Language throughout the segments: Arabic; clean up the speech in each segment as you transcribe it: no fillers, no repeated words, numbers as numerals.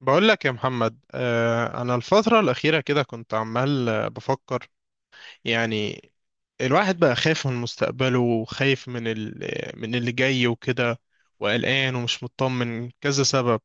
بقول لك يا محمد انا الفترة الأخيرة كده كنت عمال بفكر يعني الواحد بقى خايف من مستقبله وخايف من اللي جاي وكده وقلقان ومش مطمن كذا سبب.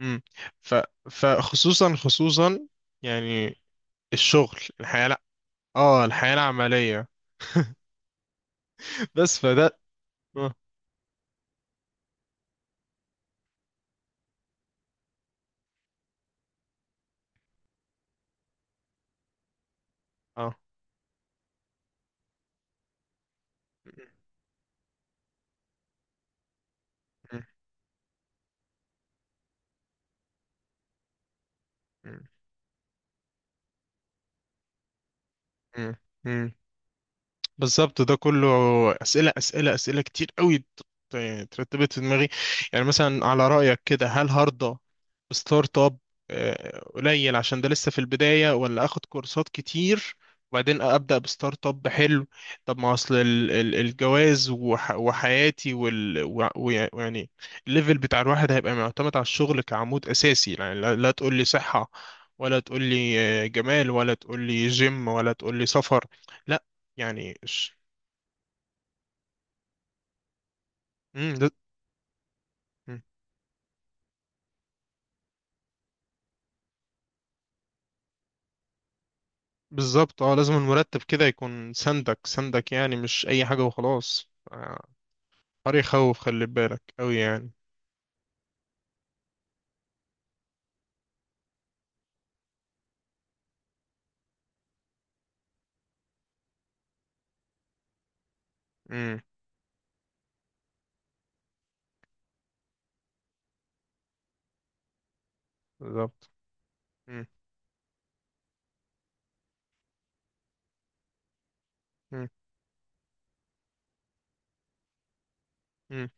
مم. ف... فخصوصا يعني الشغل الحياة، لا، اه الحياة العملية. بس فده. اه. اه. مم. مم. مم. بالظبط، ده كله أسئلة كتير قوي يعني ترتبت في دماغي. يعني مثلا على رأيك كده، هل هرضى بستارت اب قليل عشان ده لسه في البداية، ولا آخد كورسات كتير وبعدين أبدأ بستارت اب حلو؟ طب ما أصل الجواز وحياتي ويعني الليفل بتاع الواحد هيبقى معتمد على الشغل كعمود أساسي. يعني لا، لا تقول لي صحة ولا تقول لي جمال ولا تقول لي جيم ولا تقول لي سفر، لا، يعني ش... مم، لا- مم، بالظبط. اه، لازم المرتب كده يكون سندك، سندك، يعني مش اي حاجة وخلاص. حر يخوف، خلي بالك قوي يعني. امم. بالظبط. امم. امم.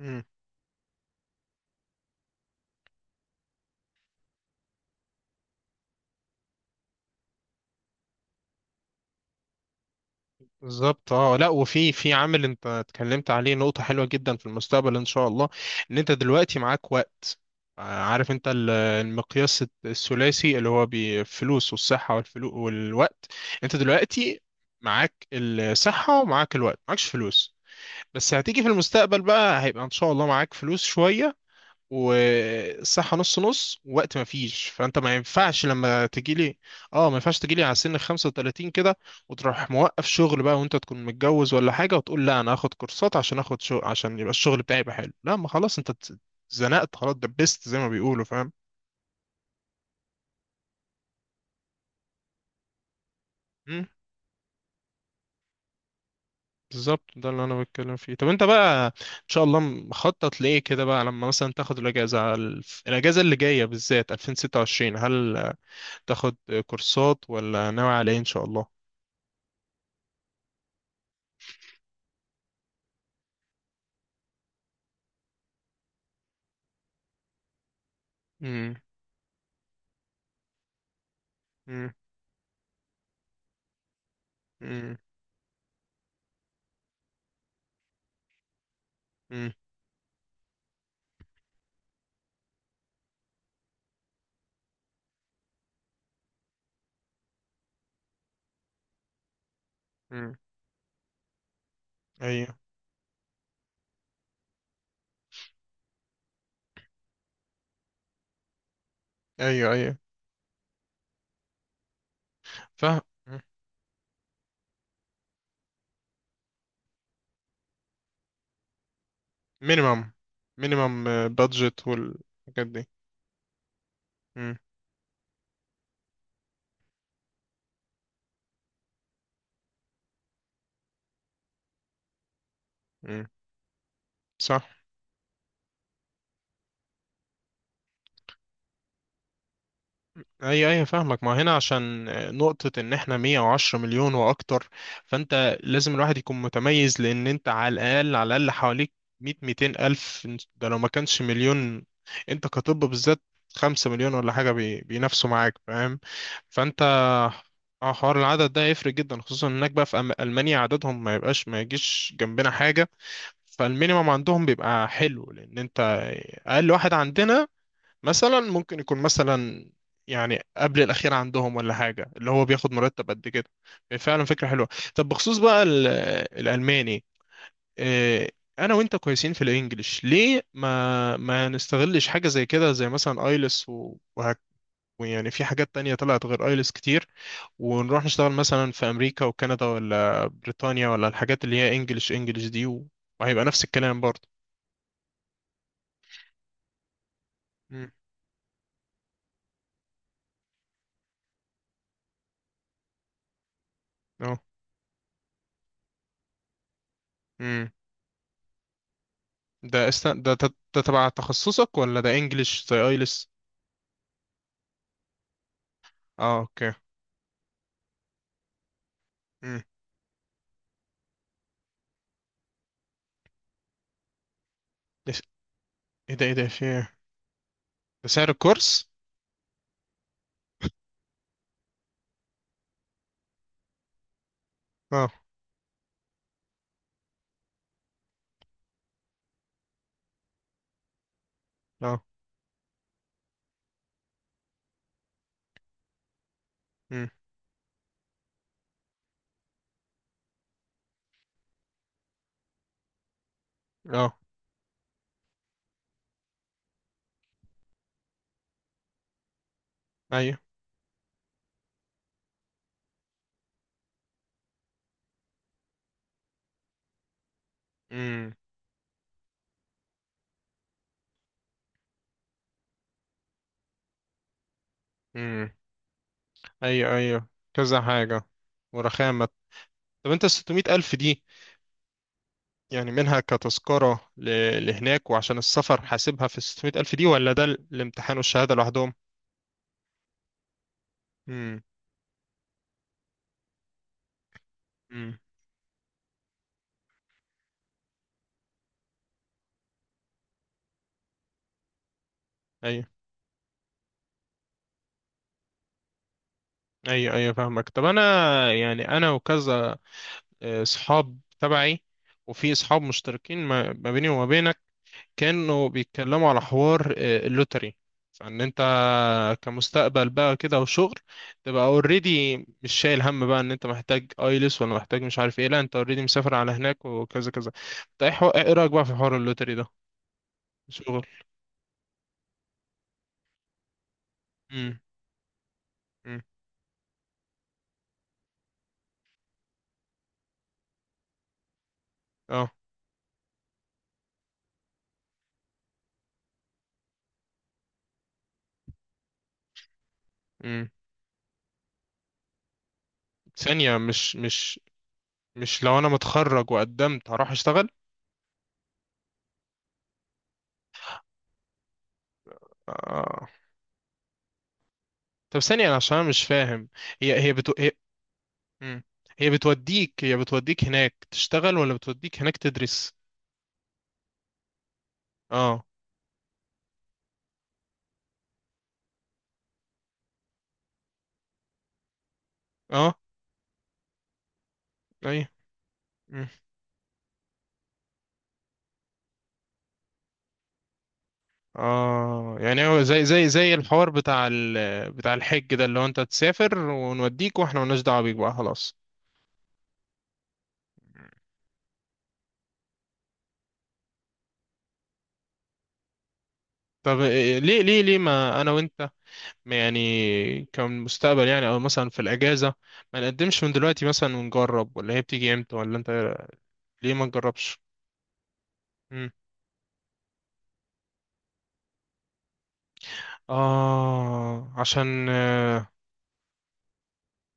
امم. بالظبط. اه، لا، وفي عامل انت اتكلمت عليه، نقطة حلوة جدا في المستقبل ان شاء الله، ان انت دلوقتي معاك وقت. عارف انت المقياس الثلاثي اللي هو بالفلوس والصحة والفلو والوقت؟ انت دلوقتي معاك الصحة ومعاك الوقت، معكش فلوس، بس هتيجي في المستقبل بقى، هيبقى ان شاء الله معاك فلوس شوية، والصحة نص نص، وقت ما فيش. فانت ما ينفعش لما تجي لي، اه، ما ينفعش تجي لي على سن 35 كده وتروح موقف شغل بقى وانت تكون متجوز ولا حاجة وتقول لا انا هاخد كورسات عشان اخد شغل عشان يبقى الشغل بتاعي يبقى حلو. لا، ما خلاص، انت اتزنقت خلاص، دبست زي ما بيقولوا، فاهم؟ مم، بالظبط، ده اللي انا بتكلم فيه. طب انت بقى ان شاء الله مخطط ليه كده بقى، لما مثلا تاخد الاجازة على الاجازة اللي جاية بالذات 2026، هل تاخد كورسات ولا ناوي على ايه ان شاء الله؟ مم. مم. مم. مم. ايوه، ايوه، ايوه فاهم. مينيمم، مينيمم بادجت والحاجات دي. مم. مم. صح. ايوه، ايوه فاهمك. ما هنا عشان نقطة ان احنا 110 مليون واكتر، فانت لازم الواحد يكون متميز، لان انت على الاقل، على الاقل حواليك 100 200 الف، ده لو ما كانش مليون. انت كطب بالذات 5 مليون ولا حاجة بينافسوا معاك، فاهم؟ فانت اه، حوار العدد ده هيفرق جدا، خصوصا هناك بقى في المانيا عددهم ما يبقاش، ما يجيش جنبنا حاجة. فالمينيمم عندهم بيبقى حلو، لان انت اقل واحد عندنا مثلا ممكن يكون مثلا يعني قبل الأخير عندهم ولا حاجة، اللي هو بياخد مرتب قد كده. فعلا فكرة حلوة. طب بخصوص بقى الألماني، آه، أنا وأنت كويسين في الإنجليش، ليه ما نستغلش حاجة زي كده، زي مثلا أيلس وهك، ويعني في حاجات تانية طلعت غير أيلس كتير، ونروح نشتغل مثلا في أمريكا وكندا ولا بريطانيا ولا الحاجات اللي هي إنجليش إنجليش دي، وهيبقى نفس الكلام برضه. مم. اه، ده تبع تخصصك ولا ده انجليش زي ايلس؟ اه اوكي. امم. ده س- ايه ده، ايه ده في إيه؟ ده سعر الكورس؟ اه. اه. امم. اه. ايوه. امم. امم. ايوه، ايوه، كذا حاجة ورخامة. طب انت الستمية ألف دي يعني منها كتذكرة لهناك وعشان السفر حاسبها في الستمية ألف دي، ولا الامتحان والشهادة لوحدهم؟ امم. امم. ايوه، ايوه، ايوه فاهمك. طب انا يعني انا وكذا صحاب تبعي، وفي صحاب مشتركين ما بيني وما بينك كانوا بيتكلموا على حوار اللوتري، فان انت كمستقبل بقى كده وشغل تبقى اوريدي، مش شايل هم بقى ان انت محتاج ايلس ولا محتاج مش عارف ايه، لا، انت اوريدي مسافر على هناك وكذا كذا. انت ايه إيه رايك بقى في حوار اللوتري ده؟ شغل. امم. امم. اه. امم. ثانية، مش مش لو انا متخرج وقدمت هروح اشتغل؟ آه. طب ثانية أنا عشان انا مش فاهم، هي هي بتو... مم. هي بتوديك، هي بتوديك هناك تشتغل ولا بتوديك هناك تدرس؟ اه. اه. اي. مم. اه، يعني هو زي زي الحوار بتاع بتاع الحج ده، اللي هو انت تسافر ونوديك واحنا ملناش دعوه بيك بقى، خلاص. طب ليه ما انا وانت، ما يعني كمستقبل يعني او مثلا في الاجازه، ما نقدمش من دلوقتي مثلا ونجرب؟ ولا هي بتيجي امتى؟ ولا انت إيه رأيك؟ ليه ما نجربش؟ مم. اه، عشان اه،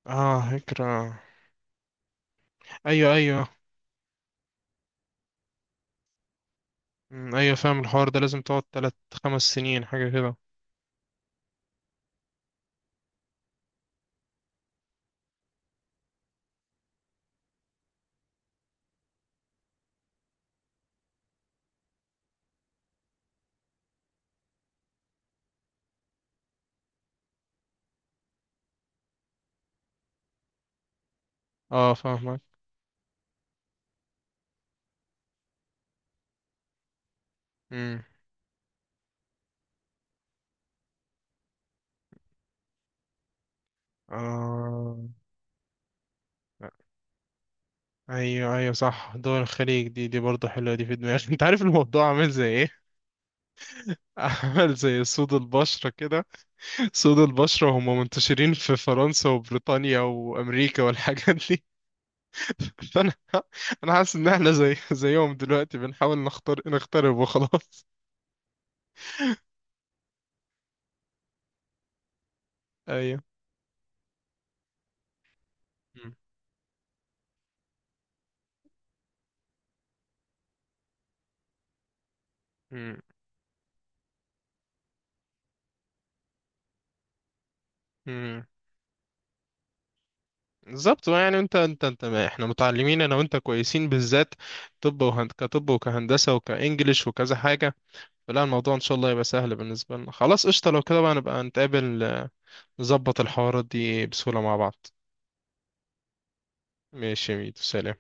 فكره. ايوه، ايوه. مم، ايوه فاهم. الحوار ده لازم تقعد تلات خمس سنين حاجة كده. اه فاهمك. امم. آه. ايوه، ايوه، صح، دول الخليج دي، دي برضه حلوة دي في دماغي. انت عارف الموضوع عامل زي ايه؟ عامل زي سود البشرة كده، سود البشرة هم منتشرين في فرنسا وبريطانيا وامريكا والحاجات دي. فانا، انا حاسس ان احنا زي زيهم دلوقتي، بنحاول نختار نخترب وخلاص. ايوه. مم. مم. مم. بالظبط، يعني انت ما احنا متعلمين، انا وانت كويسين بالذات، طب وهند كطب وكهندسه وكانجليش وكذا حاجه، فلا، الموضوع ان شاء الله يبقى سهل بالنسبه لنا. خلاص، قشطه، لو كده بقى نبقى نتقابل، نظبط الحوارات دي بسهوله مع بعض. ماشي يا ميدو، سلام.